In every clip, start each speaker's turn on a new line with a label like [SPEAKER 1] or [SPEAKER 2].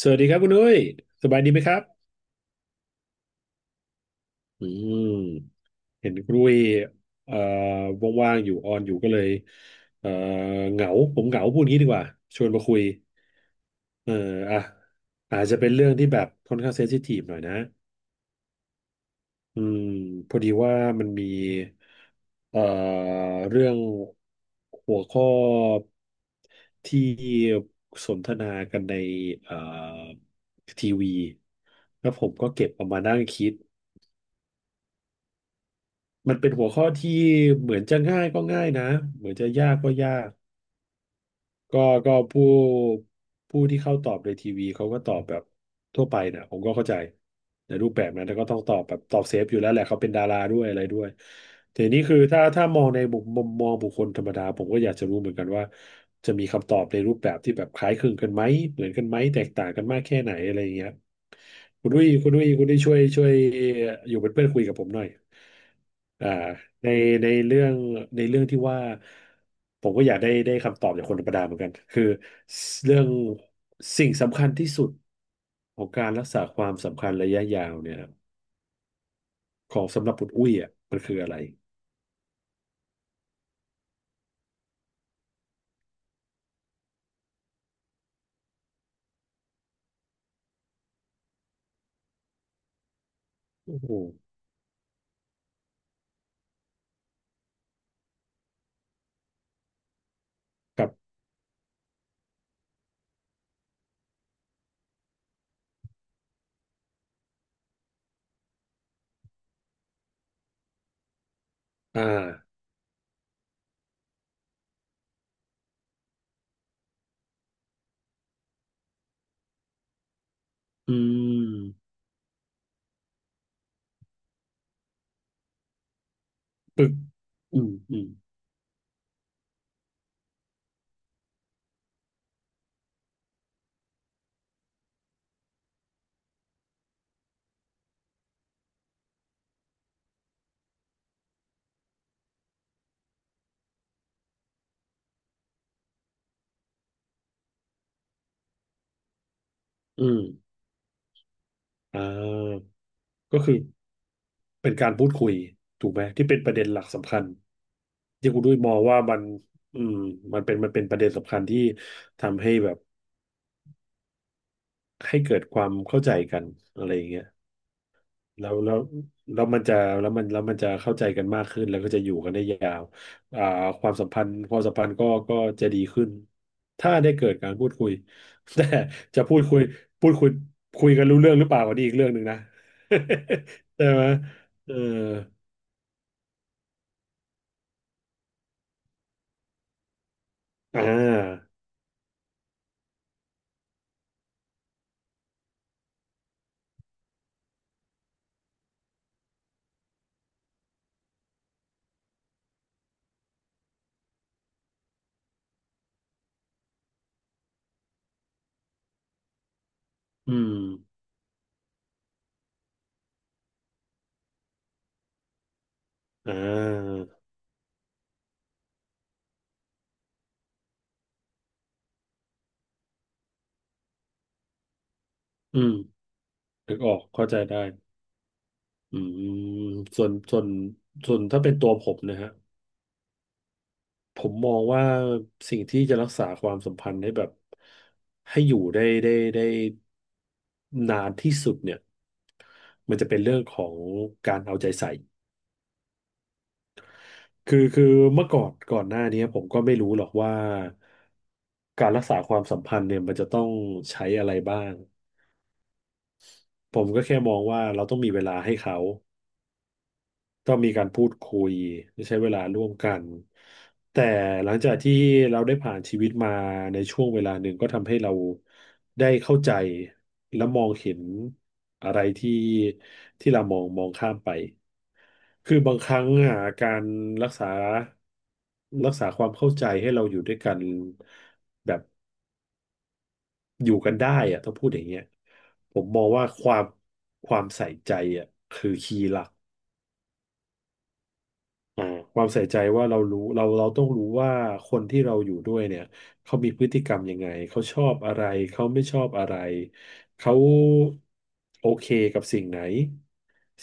[SPEAKER 1] สวัสดีครับคุณนุ้ยสบายดีไหมครับอืมเห็นคุณนุ้ยเอ่อว่างๆอยู่ออนอยู่ก็เลยเอ่อเหงาผมเหงาพูดงี้ดีกว่าชวนมาคุยเอออ่ะอาจจะเป็นเรื่องที่แบบค่อนข้างเซนซิทีฟหน่อยนะอืมพอดีว่ามันมีเอ่อเรื่องหัวข้อที่สนทนากันในเอ่อทีวี แล้วผมก็เก็บเอามานั่งคิด มันเป็นหัวข้อที่เหมือนจะง่ายก็ง่ายนะเหมือนจะยากก็ยากก็ก็ผู้ที่เข้าตอบในทีวีเขาก็ตอบแบบทั่วไปนะผมก็เข้าใจในรูปแบบนั้นแล้ก็ต้องตอบแบบตอบเซฟอยู่แล้วแหละเขาเป็นดาราด้วยอะไรด้วยทีนี้คือถ้ามองในมุมมองบุคคลธรรมดาผมก็อยากจะรู้เหมือนกันว่าจะมีคำตอบในรูปแบบที่แบบคล้ายคลึงกันไหมเหมือนกันไหมแตกต่างกันมากแค่ไหนอะไรอย่างเงี้ยคุณดุ้ยช่วยอยู่เป็นเพื่อนคุยกับผมหน่อย อ่าในในเรื่องในเรื่องที่ว่าผมก็อยากได้คำตอบจากคนธรรมดาเหมือนกันคือเรื่องสิ่งสำคัญที่สุดของการรักษาความสำคัญระยะยาวเนี่ยของสำหรับคุณอุ้ยอ่ะมันคืออะไรโอ้โหกับอ่าอืมปึกอืมอืมอืมอ่าก็คือเป็นการพูดคุยถูกไหมที่เป็นประเด็นหลักสำคัญที่คุณด้วยมองว่ามันอืมมันเป็นประเด็นสำคัญที่ทำให้แบบ ให้เกิดความเข้าใจกันอะไรอย่างเงี้ยแล้วแล้วแล้วมันจะแล้วมันแล้วมันจะเข้าใจกันมากขึ้นแล้วก็จะอยู่กันได้ยาวอ่าความสัมพันธ์ความสัมพันธ์ก็จะดีขึ้นถ้าได้เกิดการพูดคุย แต่จะพูดคุยพูดคุยคุยกันรู้เรื่องหรือเปล่าอันนี้อีกเรื่องหนึ่งนะ ใช่ไหมเอออ่าอืมอ่าอืมนึกออกเข้าใจได้อืมส่วนส่วนส่วนถ้าเป็นตัวผมนะฮะ ผมมองว่าสิ่งที่จะรักษาความสัมพันธ์ให้แบบให้อยู่ได้นานที่สุดเนี่ยมันจะเป็นเรื่องของการเอาใจใส่คือเมื่อก่อนหน้านี้ผมก็ไม่รู้หรอกว่าการรักษาความสัมพันธ์เนี่ยมันจะต้องใช้อะไรบ้างผมก็แค่มองว่าเราต้องมีเวลาให้เขา ต้องมีการพูดคุยและใช้เวลาร่วมกันแต่หลังจากที่เราได้ผ่านชีวิตมาในช่วงเวลาหนึ่งก็ทำให้เราได้เข้าใจและมองเห็นอะไรที่ที่เรามองข้ามไปคือบางครั้งอ่ะการรักษารักษาความเข้าใจให้เราอยู่ด้วยกันแบบอยู่กันได้อ่ะต้องพูดอย่างเงี้ยผมมองว่าความใส่ใจอ่ะคือคีย์หลัก อ่าความใส่ใจว่าเราต้องรู้ว่าคนที่เราอยู่ด้วยเนี่ยเขามีพฤติกรรมยังไงเขาชอบอะไรเขาไม่ชอบอะไรเขาโอเคกับสิ่งไหน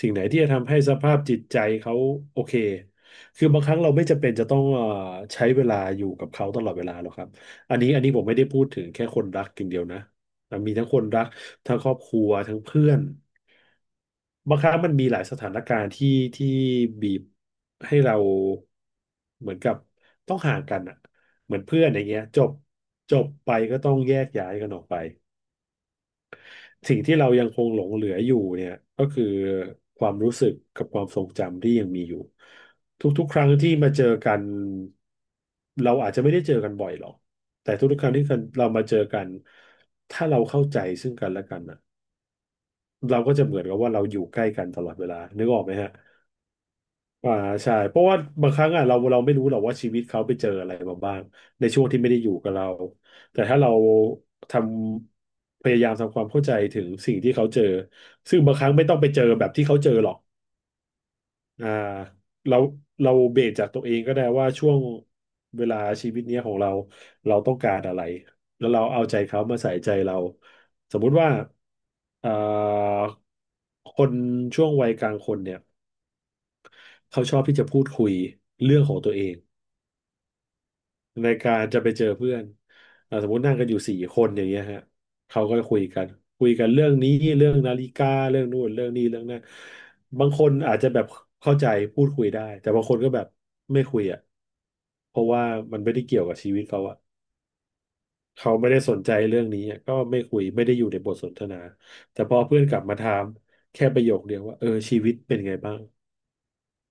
[SPEAKER 1] สิ่งไหนที่จะทำให้สภาพจิตใจเขาโอเคคือบางครั้งเราไม่จำเป็นจะต้องใช้เวลาอยู่กับเขาตลอดเวลาหรอกครับอันนี้ผมไม่ได้พูดถึงแค่คนรักอย่างเดียวนะ อ่ะมีทั้งคนรักทั้งครอบครัวทั้งเพื่อนบางครั้งมันมีหลายสถานการณ์ที่ที่บีบให้เราเหมือนกับต้องห่างกันอ่ะเหมือนเพื่อนอย่างเงี้ยจบจบไปก็ต้องแยกย้ายกันออกไป สิ่งที่เรายังคงหลงเหลืออยู่เนี่ยก็คือความรู้สึกกับความทรงจำที่ยังมีอยู่ทุกๆครั้งที่มาเจอกันเราอาจจะไม่ได้เจอกันบ่อยหรอกแต่ทุกๆครั้งที่เรามาเจอกันถ้าเราเข้าใจซึ่งกันและกันน่ะเราก็จะเหมือนกับว่าเราอยู่ใกล้กันตลอดเวลานึกออกไหมฮะ อ่าใช่เพราะว่าบางครั้งอ่ะเราไม่รู้หรอกว่าชีวิตเขาไปเจออะไรมาบ้างในช่วงที่ไม่ได้อยู่กับเราแต่ถ้าเราทำพยายามทำความเข้าใจถึงสิ่งที่เขาเจอซึ่งบางครั้งไม่ต้องไปเจอแบบที่เขาเจอหรอกอ่าเราเราเบรกจากตัวเองก็ได้ว่าช่วงเวลาชีวิตเนี้ยของเราเราต้องการอะไรแล้วเราเอาใจเขามาใส่ใจเราสมมุติว่าเอ่อคนช่วงวัยกลางคนเนี่ย เขาชอบที่จะพูดคุยเรื่องของตัวเองในการจะไปเจอเพื่อนสมมตินั่งกันอยู่สี่คนอย่างเงี้ยฮะเขาก็จะคุยกันคุยกันเรื่องนี้เรื่องนาฬิกาเรื่องนู่นเรื่องนี้เรื่องนั้นบางคนอาจจะแบบเข้าใจพูดคุยได้แต่บางคนก็แบบไม่คุยอ่ะเพราะว่ามันไม่ได้เกี่ยวกับชีวิตเขาอ่ะเขาไม่ได้สนใจเรื่องนี้อะก็ไม่คุยไม่ได้อยู่ในบทสนทนาแต่พอเพื่อนกลับมาถามแค่ประโยคเดียวว่าเออชีวิตเป็นไงบ้าง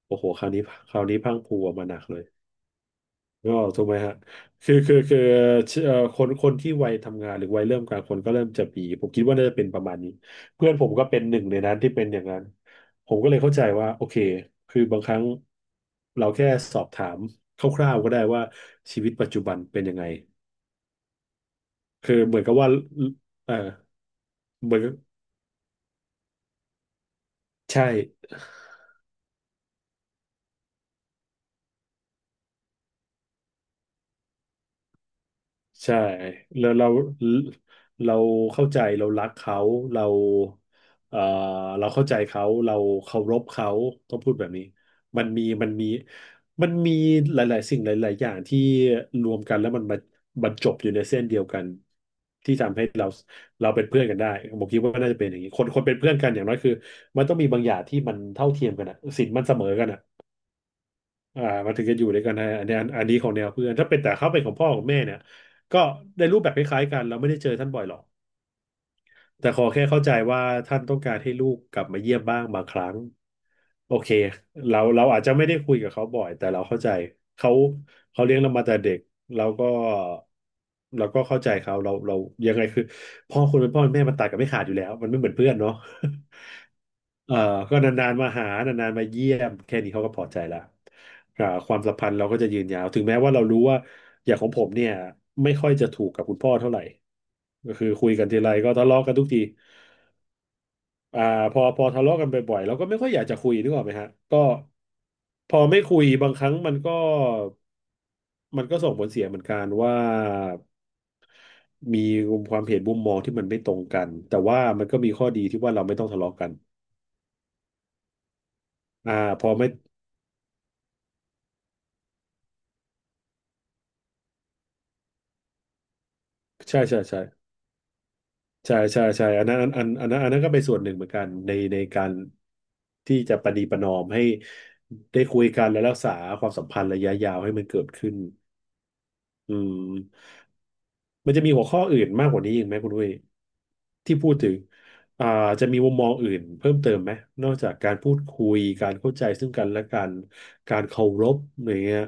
[SPEAKER 1] โอ้โหคราวนี้คราวนี้พรั่งพรูออกมาหนักเลย ก็ถูกไหมฮะคือคนที่วัยทำงานหรือวัยเริ่มกลางคนก็เริ่มจะมีผมคิดว่าน่าจะเป็นประมาณนี้เพื่อนผมก็เป็นหนึ่งในนั้นที่เป็นอย่างนั้นผมก็เลยเข้าใจว่าโอเคคือบางครั้งเราแค่สอบถามคร่าวๆก็ได้ว่าชีวิตปัจจุบันเป็นยังไงคือเหมือนกับว่าเออเหมือนกับใช่ ใช่แล้วเราเข้าใจเรารักเขาเราเอ่อเราเข้าใจเขาเราเคารพเขาต้องพูดแบบนี้มันมีมันมีมันมีหลายๆสิ่งหลายๆอย่างที่รวมกันแล้วมันมาบรรจบอยู่ในเส้นเดียวกันที่ทำให้เราเป็นเพื่อนกันได้ผมคิดว่าน่าจะเป็นอย่างนี้คนเป็นเพื่อนกันอย่างน้อยคือมันต้องมีบางอย่างที่มันเท่าเทียมกันอะศีลมันเสมอกันอะ อ่ามันถึงจะอยู่ด้วยกันได้อันนี้อันนี้ของแนวเพื่อนถ้าเป็นแต่เขาเป็นของพ่อของแม่เนี่ยก็ได้รูปแบบคล้ายๆกันเราไม่ได้เจอท่านบ่อยหรอกแต่ขอแค่เข้าใจว่าท่านต้องการให้ลูกกลับมาเยี่ยมบ้างบางครั้งโอเคเราอาจจะไม่ได้คุยกับเขาบ่อยแต่เราเข้าใจเขาเขาเลี้ยงเรามาแต่เด็กเราก็เราก็เข้าใจเขาเรายังไงคือพ่อคนเป็นพ่อเป็นแม่มันตัดกันไม่ขาดอยู่แล้วมันไม่เหมือนเพื่อนเนาะ เอ่อก็นานๆมาหา นานๆมาเยี่ยมแค่นี้เขาก็พอใจละอ่าความสัมพันธ์เราก็จะยืนยาว ถึงแม้ว่าเรารู้ว่าอย่างของผมเนี่ยไม่ค่อยจะถูกกับคุณพ่อเท่าไหร่ก็คือคุยกันทีไรก็ทะเลาะกันทุกทีอ่าพอทะเลาะกันบ่อยๆเราก็ไม่ค่อยอยากจะคุยนึกออกไหมฮะก็พอไม่คุยบางครั้งมันก็มันก็ส่งผลเสียเหมือนกันว่ามีความเห็นมุมมองที่มันไม่ตรงกันแต่ว่ามันก็มีข้อดีที่ว่าเราไม่ต้องทะเลาะกันอ่าพอไม่ใช่ใช่ใช่ ใช่ใช่ใช่อันนั้นอันนั้นอันนั้นก็เป็นส่วนหนึ่งเหมือนกันในการที่จะประนีประนอมให้ได้คุยกันและรักษาความสัมพันธ์ระยะยาวให้มันเกิดขึ้นอืมมันจะมีหัวข้ออื่นมากกว่านี้อีกไหมคุณด้วยที่พูดถึงอ่าจะมีมุมมองอื่นเพิ่มเติมไหมนอกจากการพูดคุยการเข้าใจซึ่งกันและกันการเคารพอย่างเงี้ย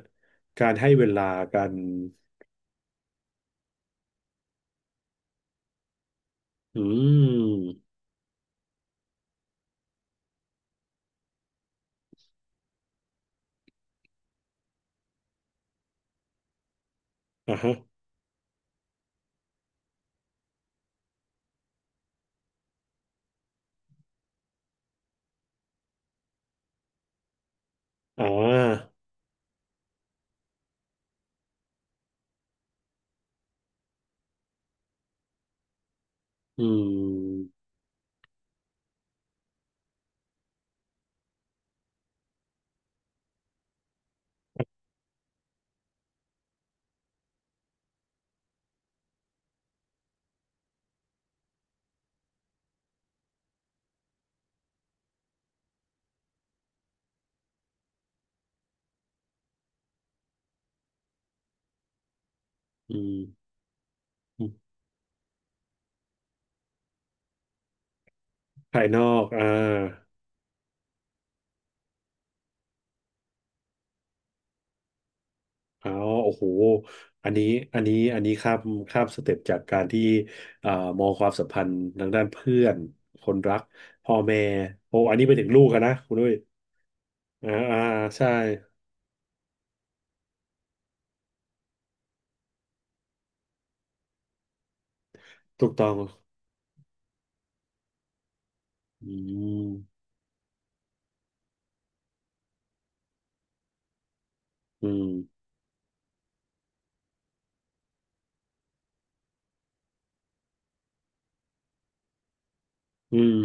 [SPEAKER 1] การให้เวลากันอืมอ่ะฮะอ่าอืมอืม ภายนอกอ่าอ๋อโอ้โหอันนี้อันนี้อันนี้ข้ามข้ามสเต็ปจากการที่อ่ามองความสัมพันธ์ทางด้านเพื่อน คนรัก พ่อแม่โอ้อันนี้ไปถึงลูกอะนะคุณด้วยอ่าอ่า ใช่ถูกต้องอืมอืมอืม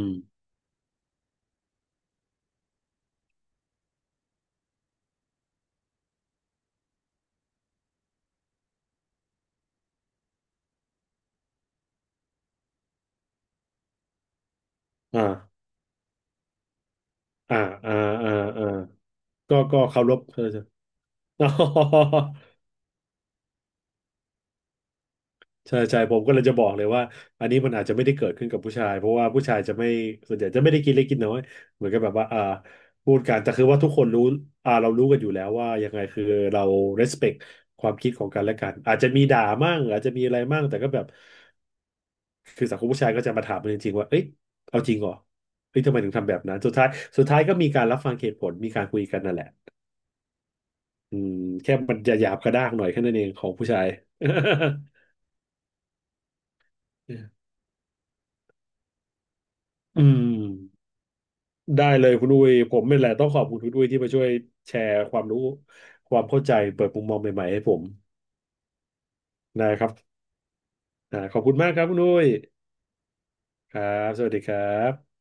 [SPEAKER 1] อ่า อ่า อ่า อ่าอ่าก็ก็เคารพเธอจ้ะ ใช่ใช่ผมก็เลยจะบอกเลยว่าอันนี้มันอาจจะไม่ได้เกิดขึ้นกับผู้ชายเพราะว่าผู้ชายจะไม่ส่วนใหญ่จะไม่ได้กินเล็กกินน้อยเหมือนกับแบบว่าอ่าพูดกันแต่คือว่าทุกคนรู้อ่าเรารู้กันอยู่แล้วว่ายังไงคือเรา respect ความคิดของกันและกันอาจจะมีด่ามั่งอาจจะมีอะไรมั่งแต่ก็แบบคือสังคมผู้ชายก็จะมาถามกันจริงๆว่าเอ้ยเอาจริงเหรอเอ้ยทำไมถึงทำแบบนั้นสุดท้ายสุดท้ายก็มีการรับฟังเหตุผลมีการคุยกันนั่นแหละอืมแค่มันจะหยาบกระด้างหน่อยแค่นั้นเองของผู้ชาย อืม ได้เลยคุณอุ้ยผมนี่แหละต้องขอบคุณคุณอุ้ยที่มาช่วยแชร์ความรู้ความเข้าใจเปิดมุมมองใหม่ๆให้ผมนะครับอ่าขอบคุณมากครับคุณอุ้ยครับสวัสดีครับ